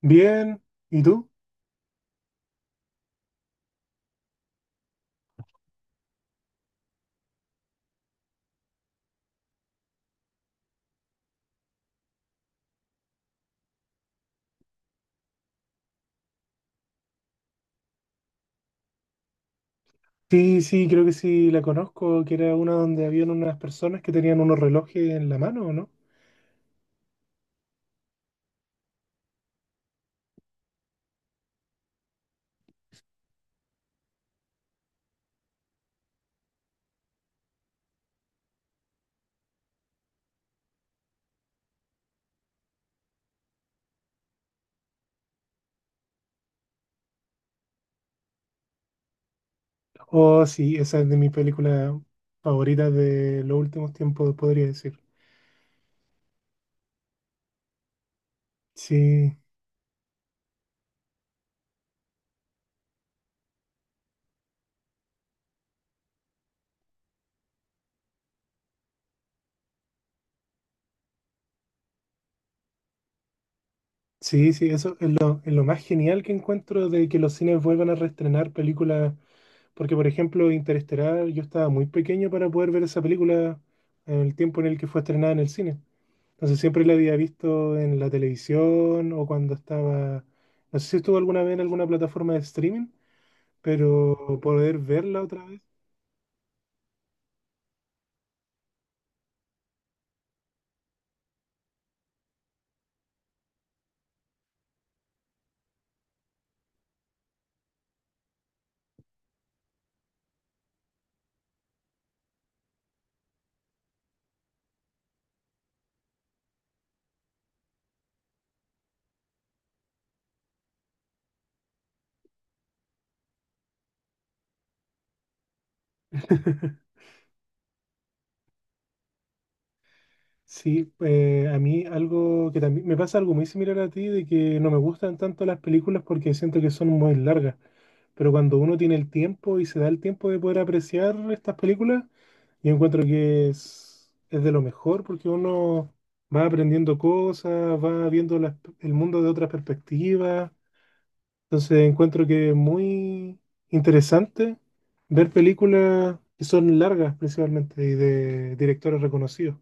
Bien, ¿y tú? Sí, sí, creo que sí la conozco, que era una donde habían unas personas que tenían unos relojes en la mano, ¿no? Oh, sí, esa es de mis películas favoritas de los últimos tiempos, podría decir. Sí, sí, sí, eso es lo más genial que encuentro de que los cines vuelvan a reestrenar películas, porque por ejemplo Interestelar, yo estaba muy pequeño para poder ver esa película en el tiempo en el que fue estrenada en el cine. Entonces siempre la había visto en la televisión o cuando estaba, no sé si estuvo alguna vez en alguna plataforma de streaming, pero poder verla otra vez. Sí, a mí algo que también me pasa algo muy similar a ti, de que no me gustan tanto las películas porque siento que son muy largas. Pero cuando uno tiene el tiempo y se da el tiempo de poder apreciar estas películas, yo encuentro que es de lo mejor porque uno va aprendiendo cosas, va viendo las- el mundo de otras perspectivas. Entonces encuentro que es muy interesante ver películas que son largas principalmente y de directores reconocidos.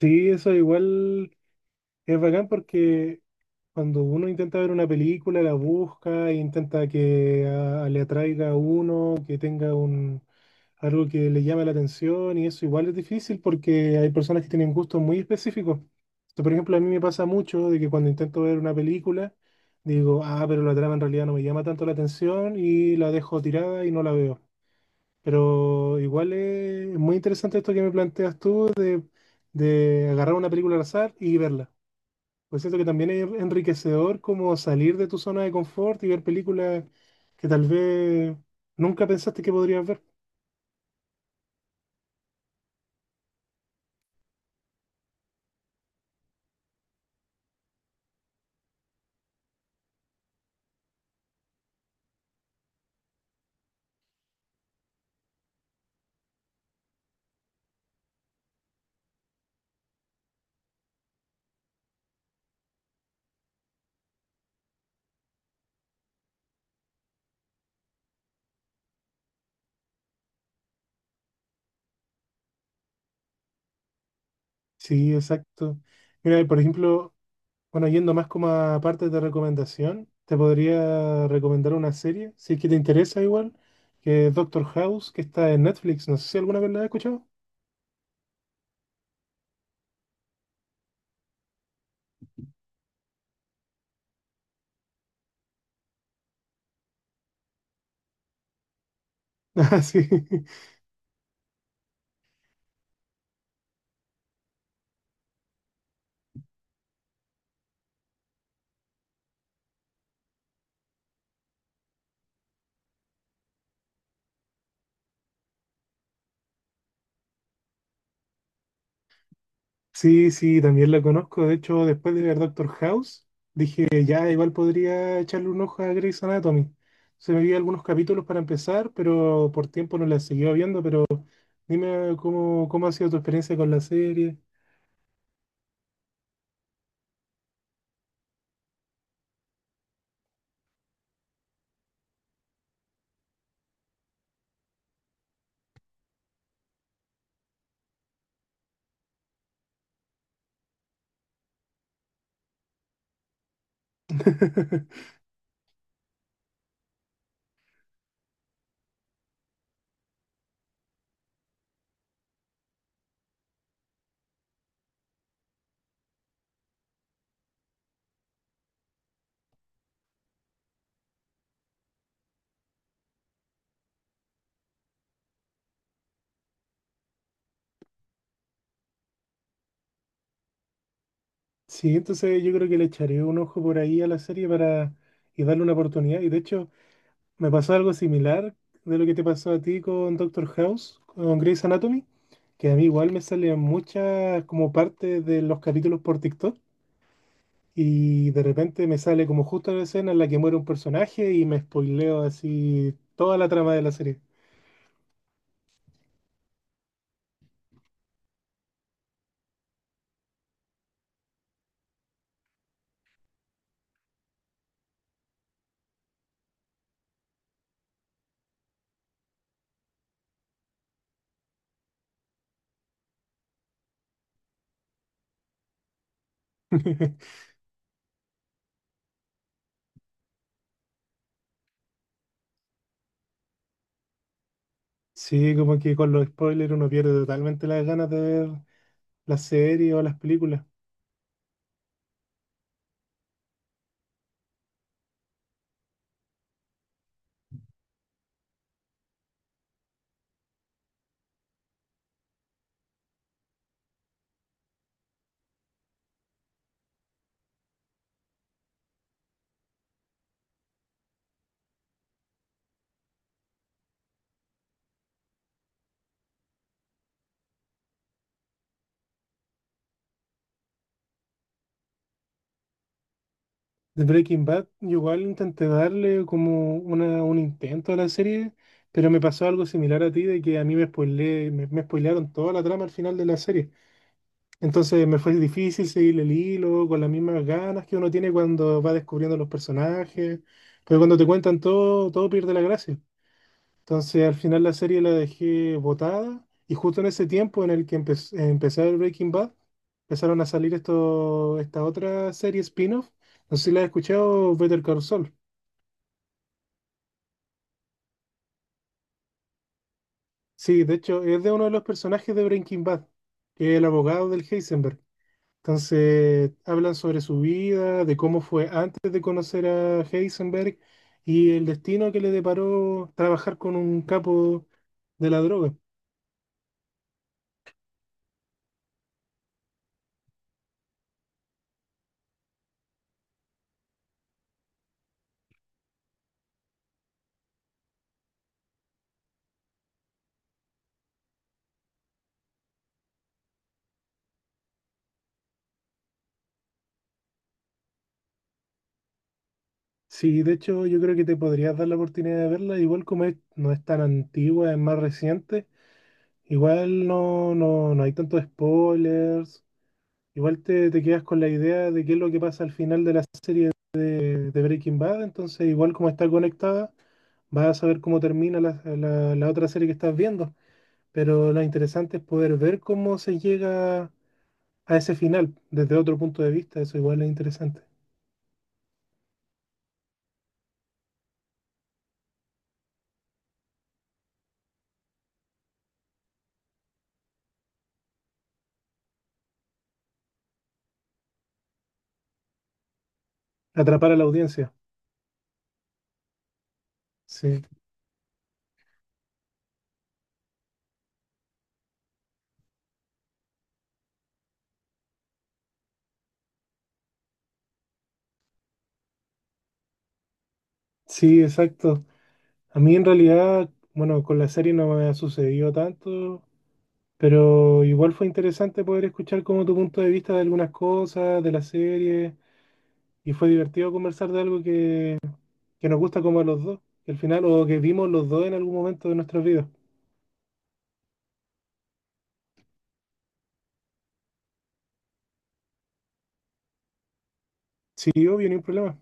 Sí, eso igual es bacán porque cuando uno intenta ver una película, la busca e intenta que le atraiga a uno, que tenga un, algo que le llame la atención, y eso igual es difícil porque hay personas que tienen gustos muy específicos. Esto, por ejemplo, a mí me pasa mucho de que cuando intento ver una película, digo, ah, pero la trama en realidad no me llama tanto la atención y la dejo tirada y no la veo. Pero igual es muy interesante esto que me planteas tú de agarrar una película al azar y verla. Pues siento que también es enriquecedor como salir de tu zona de confort y ver películas que tal vez nunca pensaste que podrías ver. Sí, exacto. Mira, por ejemplo, bueno, yendo más como a partes de recomendación, te podría recomendar una serie, si es que te interesa igual, que es Doctor House, que está en Netflix. No sé si alguna vez la has escuchado. Ah, sí. Sí, sí, también la conozco. De hecho, después de ver Doctor House, dije, ya, igual podría echarle un ojo a Grey's Anatomy. Se me vi algunos capítulos para empezar, pero por tiempo no la seguía viendo. Pero dime cómo, cómo ha sido tu experiencia con la serie. Sí, entonces yo creo que le echaré un ojo por ahí a la serie para y darle una oportunidad. Y de hecho, me pasó algo similar de lo que te pasó a ti con Doctor House, con Grey's Anatomy, que a mí igual me salían muchas como partes de los capítulos por TikTok, y de repente me sale como justo la escena en la que muere un personaje y me spoileo así toda la trama de la serie. Sí, como que con los spoilers uno pierde totalmente las ganas de ver la serie o las películas. De Breaking Bad, yo igual intenté darle como una, un intento a la serie, pero me pasó algo similar a ti, de que a mí me spoilearon toda la trama al final de la serie. Entonces me fue difícil seguir el hilo con las mismas ganas que uno tiene cuando va descubriendo los personajes, pero cuando te cuentan todo, todo pierde la gracia. Entonces al final la serie la dejé botada, y justo en ese tiempo en el que empecé a ver Breaking Bad, empezaron a salir esto, esta otra serie spin-off. No sé si la has escuchado, Better Call Saul. Sí, de hecho es de uno de los personajes de Breaking Bad, que es el abogado del Heisenberg. Entonces hablan sobre su vida, de cómo fue antes de conocer a Heisenberg y el destino que le deparó trabajar con un capo de la droga. Sí, de hecho yo creo que te podrías dar la oportunidad de verla, igual como es- no es tan antigua, es más reciente, igual no, no, no hay tantos spoilers, igual te quedas con la idea de qué es lo que pasa al final de la serie de Breaking Bad, entonces igual como está conectada, vas a saber cómo termina la otra serie que estás viendo, pero lo interesante es poder ver cómo se llega a ese final desde otro punto de vista, eso igual es interesante, atrapar a la audiencia, sí, sí, exacto. A mí en realidad, bueno, con la serie no me ha sucedido tanto, pero igual fue interesante poder escuchar como tu punto de vista de algunas cosas, de la serie, y fue divertido conversar de algo que nos gusta como a los dos, que al final, o que vimos los dos en algún momento de nuestras vidas. Sí, obvio, ni un problema.